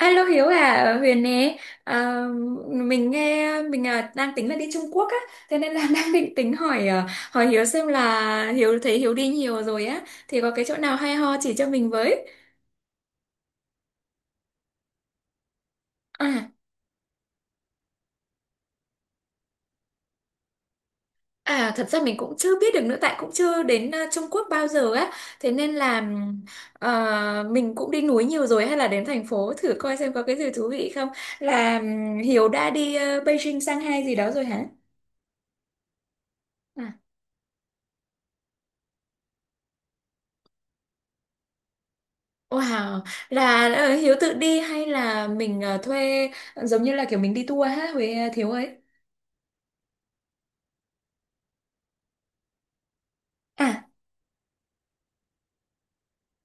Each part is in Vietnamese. Alo Hiếu à, Huyền nè, à, mình nghe mình à, đang tính là đi Trung Quốc á, thế nên là đang định tính hỏi Hiếu xem là Hiếu thấy Hiếu đi nhiều rồi á, thì có cái chỗ nào hay ho chỉ cho mình với. À, à thật ra mình cũng chưa biết được nữa, tại cũng chưa đến à, Trung Quốc bao giờ á, thế nên là à, mình cũng đi núi nhiều rồi hay là đến thành phố thử coi xem có cái gì thú vị không. Là Hiếu đã đi à, Beijing, Shanghai gì đó rồi hả? À. Wow, là Hiếu tự đi hay là mình thuê giống như là kiểu mình đi tour ha Huế Thiếu ấy. À,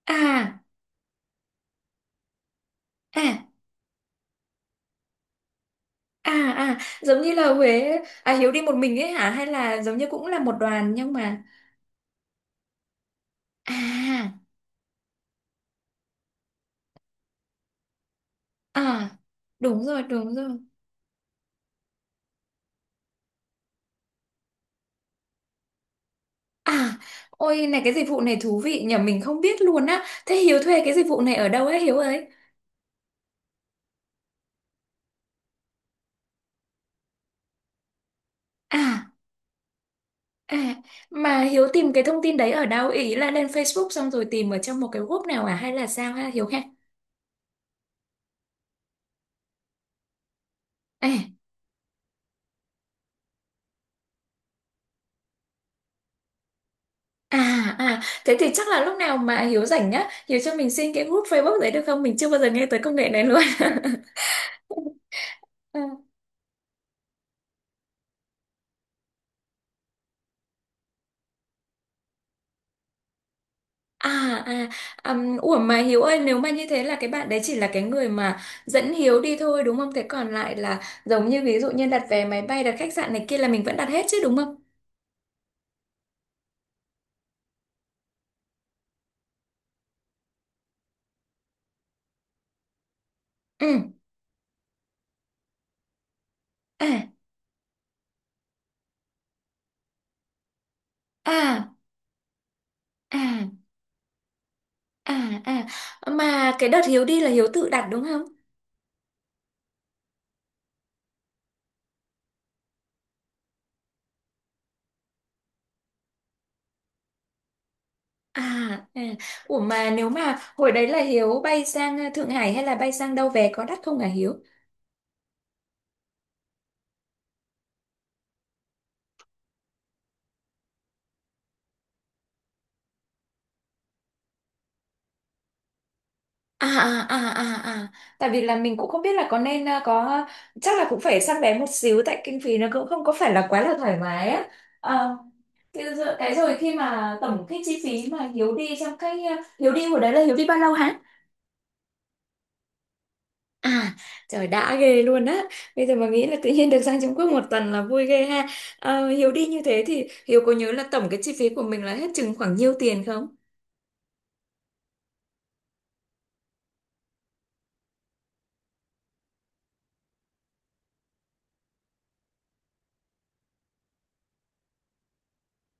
à, à, à, à, giống như là Huế à Hiếu đi một mình ấy hả hay là giống như cũng là một đoàn nhưng mà à, à, đúng rồi, đúng rồi. À, ôi này cái dịch vụ này thú vị nhờ mình không biết luôn á. Thế Hiếu thuê cái dịch vụ này ở đâu ấy Hiếu ấy? À, à, mà Hiếu tìm cái thông tin đấy ở đâu? Ý là lên Facebook xong rồi tìm ở trong một cái group nào à hay là sao ha Hiếu ha? À. À, à, thế thì chắc là lúc nào mà Hiếu rảnh nhá, Hiếu cho mình xin cái group Facebook đấy được không? Mình chưa bao giờ nghe tới công nghệ này luôn. Ừ. À, à, ủa mà Hiếu ơi, nếu mà như thế là cái bạn đấy chỉ là cái người mà dẫn Hiếu đi thôi đúng không? Thế còn lại là giống như ví dụ như đặt vé máy bay, đặt khách sạn này kia là mình vẫn đặt hết chứ đúng không? Ừ, à, à, à, à, à. Mà cái đợt Hiếu đi là Hiếu tự đặt đúng không? À, à, ủa mà nếu mà hồi đấy là Hiếu bay sang Thượng Hải hay là bay sang đâu về có đắt không hả Hiếu? À, à, à, à, à, tại vì là mình cũng không biết là có nên có, chắc là cũng phải săn vé một xíu tại kinh phí nó cũng không có phải là quá là thoải mái á. Ờ, cái rồi khi mà tổng cái chi phí mà Hiếu đi trong Hiếu đi hồi đấy là Hiếu đi bao lâu hả? À, trời đã ghê luôn á. Bây giờ mà nghĩ là tự nhiên được sang Trung Quốc một tuần là vui ghê ha. Ờ, Hiếu đi như thế thì Hiếu có nhớ là tổng cái chi phí của mình là hết chừng khoảng nhiêu tiền không?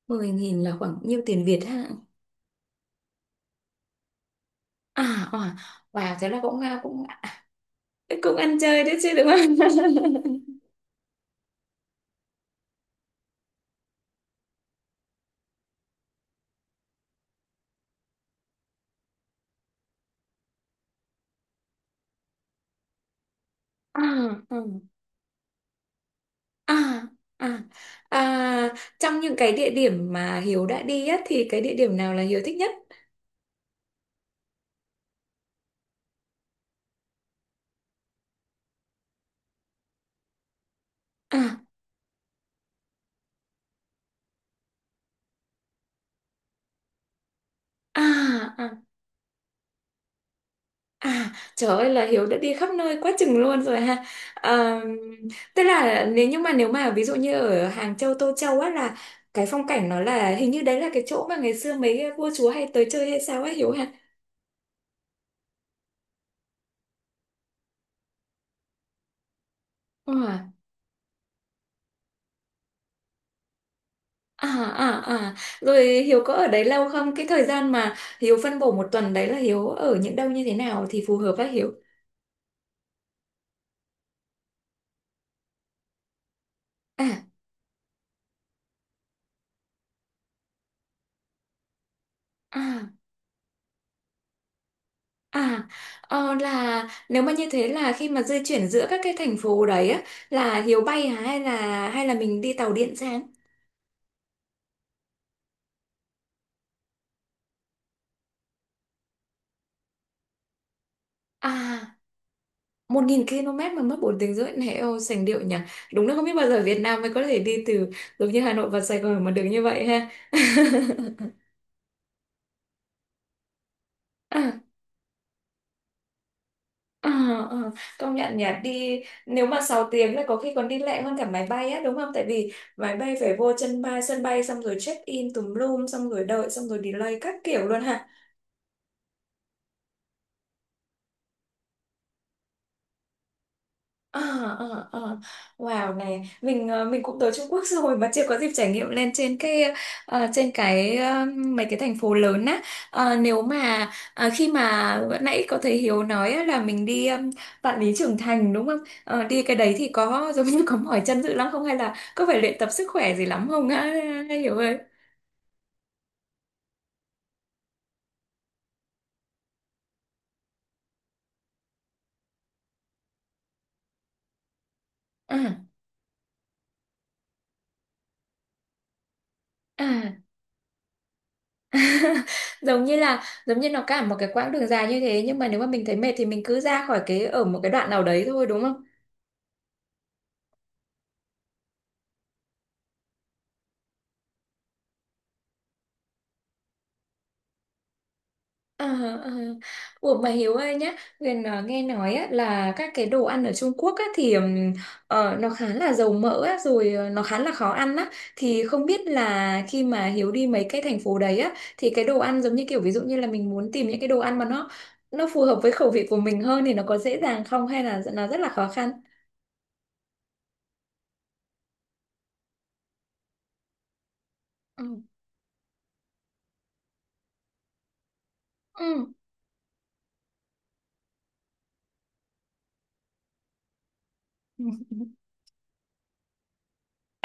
10.000 là khoảng nhiêu tiền Việt ha? À, à, wow, thế là cũng ăn chơi đấy chứ đúng không? À, ừ. À, à, à, trong những cái địa điểm mà Hiếu đã đi á thì cái địa điểm nào là Hiếu thích nhất? À, à, à. À, trời ơi là Hiếu đã đi khắp nơi quá chừng luôn rồi ha. À, tức là nhưng mà nếu mà ví dụ như ở Hàng Châu, Tô Châu á là cái phong cảnh nó là hình như đấy là cái chỗ mà ngày xưa mấy vua chúa hay tới chơi hay sao á Hiếu ha. Ờ, à, à, à. Rồi Hiếu có ở đấy lâu không? Cái thời gian mà Hiếu phân bổ một tuần đấy là Hiếu ở những đâu như thế nào thì phù hợp với Hiếu? À, à. À, ờ, là nếu mà như thế là khi mà di chuyển giữa các cái thành phố đấy á, là Hiếu bay hả hay là mình đi tàu điện sang? À, 1.000 km mà mất 4 tiếng rưỡi này, ô sành điệu nhỉ. Đúng là không biết bao giờ Việt Nam mới có thể đi từ giống như Hà Nội vào Sài Gòn mà được như vậy ha. À, à, à, công nhận nhỉ, đi nếu mà 6 tiếng là có khi còn đi lẹ hơn cả máy bay á, đúng không? Tại vì máy bay phải vô sân bay xong rồi check in tùm lum xong rồi đợi xong rồi delay các kiểu luôn ha. Ờ, ờ, ờ. Wow này mình cũng tới Trung Quốc rồi mà chưa có dịp trải nghiệm lên trên mấy cái thành phố lớn á. Ờ, nếu mà khi mà vừa nãy có thấy Hiếu nói á, là mình đi Vạn Lý Trường Thành đúng không? Ờ, đi cái đấy thì có giống như có mỏi chân dữ lắm không hay là có phải luyện tập sức khỏe gì lắm không á Hiếu ơi à, à. Giống như nó cả một cái quãng đường dài như thế nhưng mà nếu mà mình thấy mệt thì mình cứ ra khỏi cái ở một cái đoạn nào đấy thôi đúng không? À, à. Ủa mà Hiếu ơi nhá, Huyền nghe nói á, là các cái đồ ăn ở Trung Quốc á, thì nó khá là dầu mỡ á, rồi nó khá là khó ăn á. Thì không biết là khi mà Hiếu đi mấy cái thành phố đấy á, thì cái đồ ăn giống như kiểu ví dụ như là mình muốn tìm những cái đồ ăn mà nó phù hợp với khẩu vị của mình hơn thì nó có dễ dàng không hay là nó rất là khó khăn? Ừ. Ừ.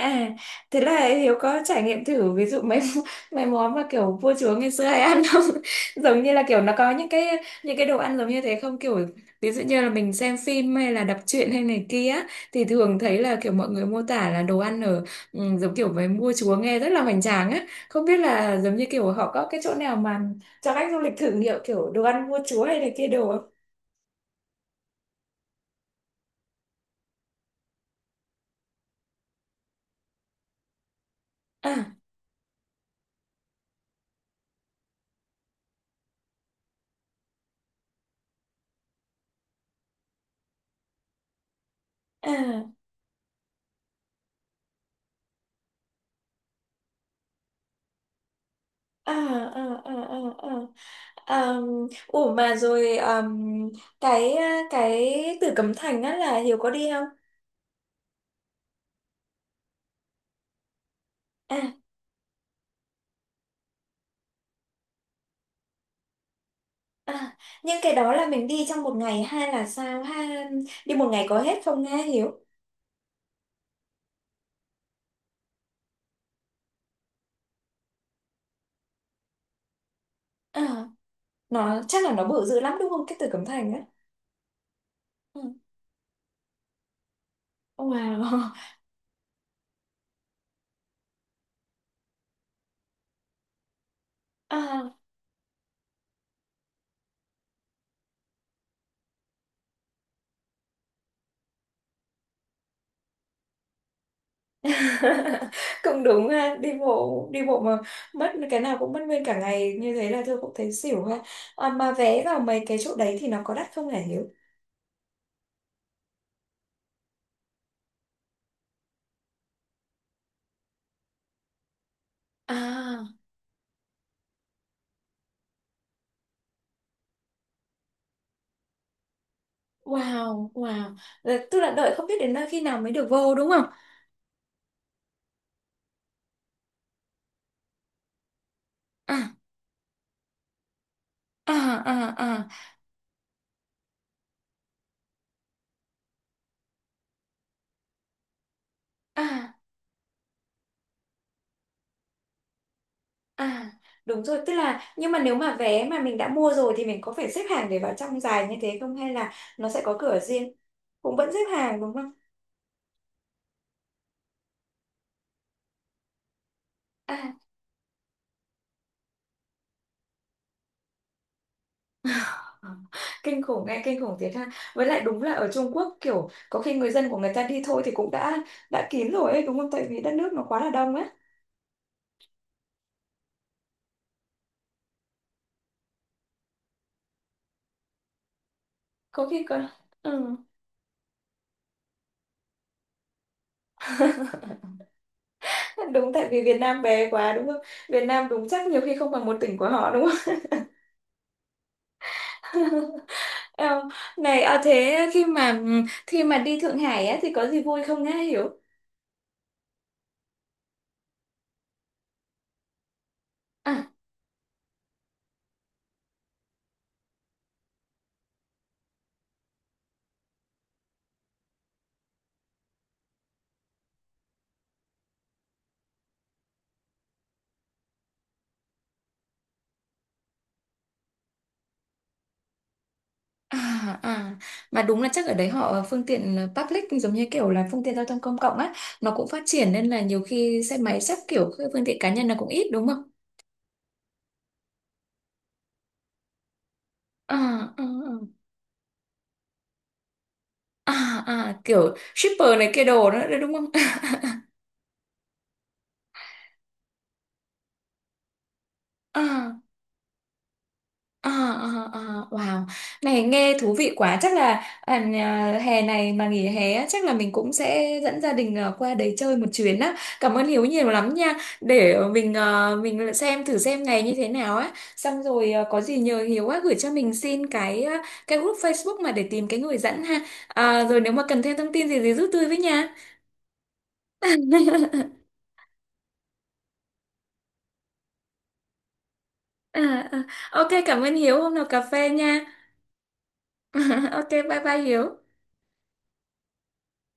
À, thế là Hiếu có trải nghiệm thử ví dụ mấy mấy món mà kiểu vua chúa ngày xưa hay ăn không? Giống như là kiểu nó có những cái đồ ăn giống như thế không? Kiểu ví dụ như là mình xem phim hay là đọc truyện hay này kia á, thì thường thấy là kiểu mọi người mô tả là đồ ăn ở giống kiểu với vua chúa nghe rất là hoành tráng á. Không biết là giống như kiểu họ có cái chỗ nào mà cho khách du lịch thử nghiệm kiểu đồ ăn vua chúa hay là kia đồ không? À, à. À, à, à, à, à, à, ủa mà rồi à, cái cái Tử Cấm Thành á là Hiếu có đi không? À, à, nhưng cái đó là mình đi trong một ngày hay là sao ha, đi một ngày có hết không nghe Hiếu? À, nó chắc là nó bự dữ lắm đúng không cái Tử Cấm Thành á? Ừ. Wow. À. Cũng đúng ha, đi bộ mà mất cái nào cũng mất nguyên cả ngày như thế là tôi cũng thấy xỉu ha. À, mà vé vào mấy cái chỗ đấy thì nó có đắt không hả Hiếu? À, wow, wow. Tức là đợi không biết đến nơi khi nào mới được vô đúng không? À, à, à, à, à, à. Đúng rồi, tức là nhưng mà nếu mà vé mà mình đã mua rồi thì mình có phải xếp hàng để vào trong dài như thế không hay là nó sẽ có cửa riêng? Cũng vẫn xếp hàng đúng không? À. Kinh khủng nghe, kinh khủng thiệt ha. Với lại đúng là ở Trung Quốc kiểu có khi người dân của người ta đi thôi thì cũng đã kín rồi ấy đúng không? Tại vì đất nước nó quá là đông ấy. Có khi có ừ. Đúng tại vì Việt Nam bé quá đúng không? Việt Nam đúng chắc nhiều khi không bằng một tỉnh của họ đúng không? Ờ, này à, thế khi mà đi Thượng Hải á, thì có gì vui không nghe hiểu? À, à, à. Mà đúng là chắc ở đấy họ phương tiện public giống như kiểu là phương tiện giao thông công cộng á, nó cũng phát triển nên là nhiều khi xe máy chắc kiểu cái phương tiện cá nhân là cũng ít đúng không? À, à, à, à, à, kiểu shipper này kia đồ nữa đấy đúng không? À, à, à, à, wow, này nghe thú vị quá. Chắc là à, hè này mà nghỉ hè á, chắc là mình cũng sẽ dẫn gia đình à, qua đấy chơi một chuyến á. Cảm ơn Hiếu nhiều lắm nha. Để mình lại xem thử xem ngày như thế nào á. Xong rồi à, có gì nhờ Hiếu á gửi cho mình xin cái group Facebook mà để tìm cái người dẫn ha. À, rồi nếu mà cần thêm thông tin gì thì giúp tôi với nha. À, à, ok, cảm ơn Hiếu. Hôm nào cà phê nha. Ok, bye bye Hiếu.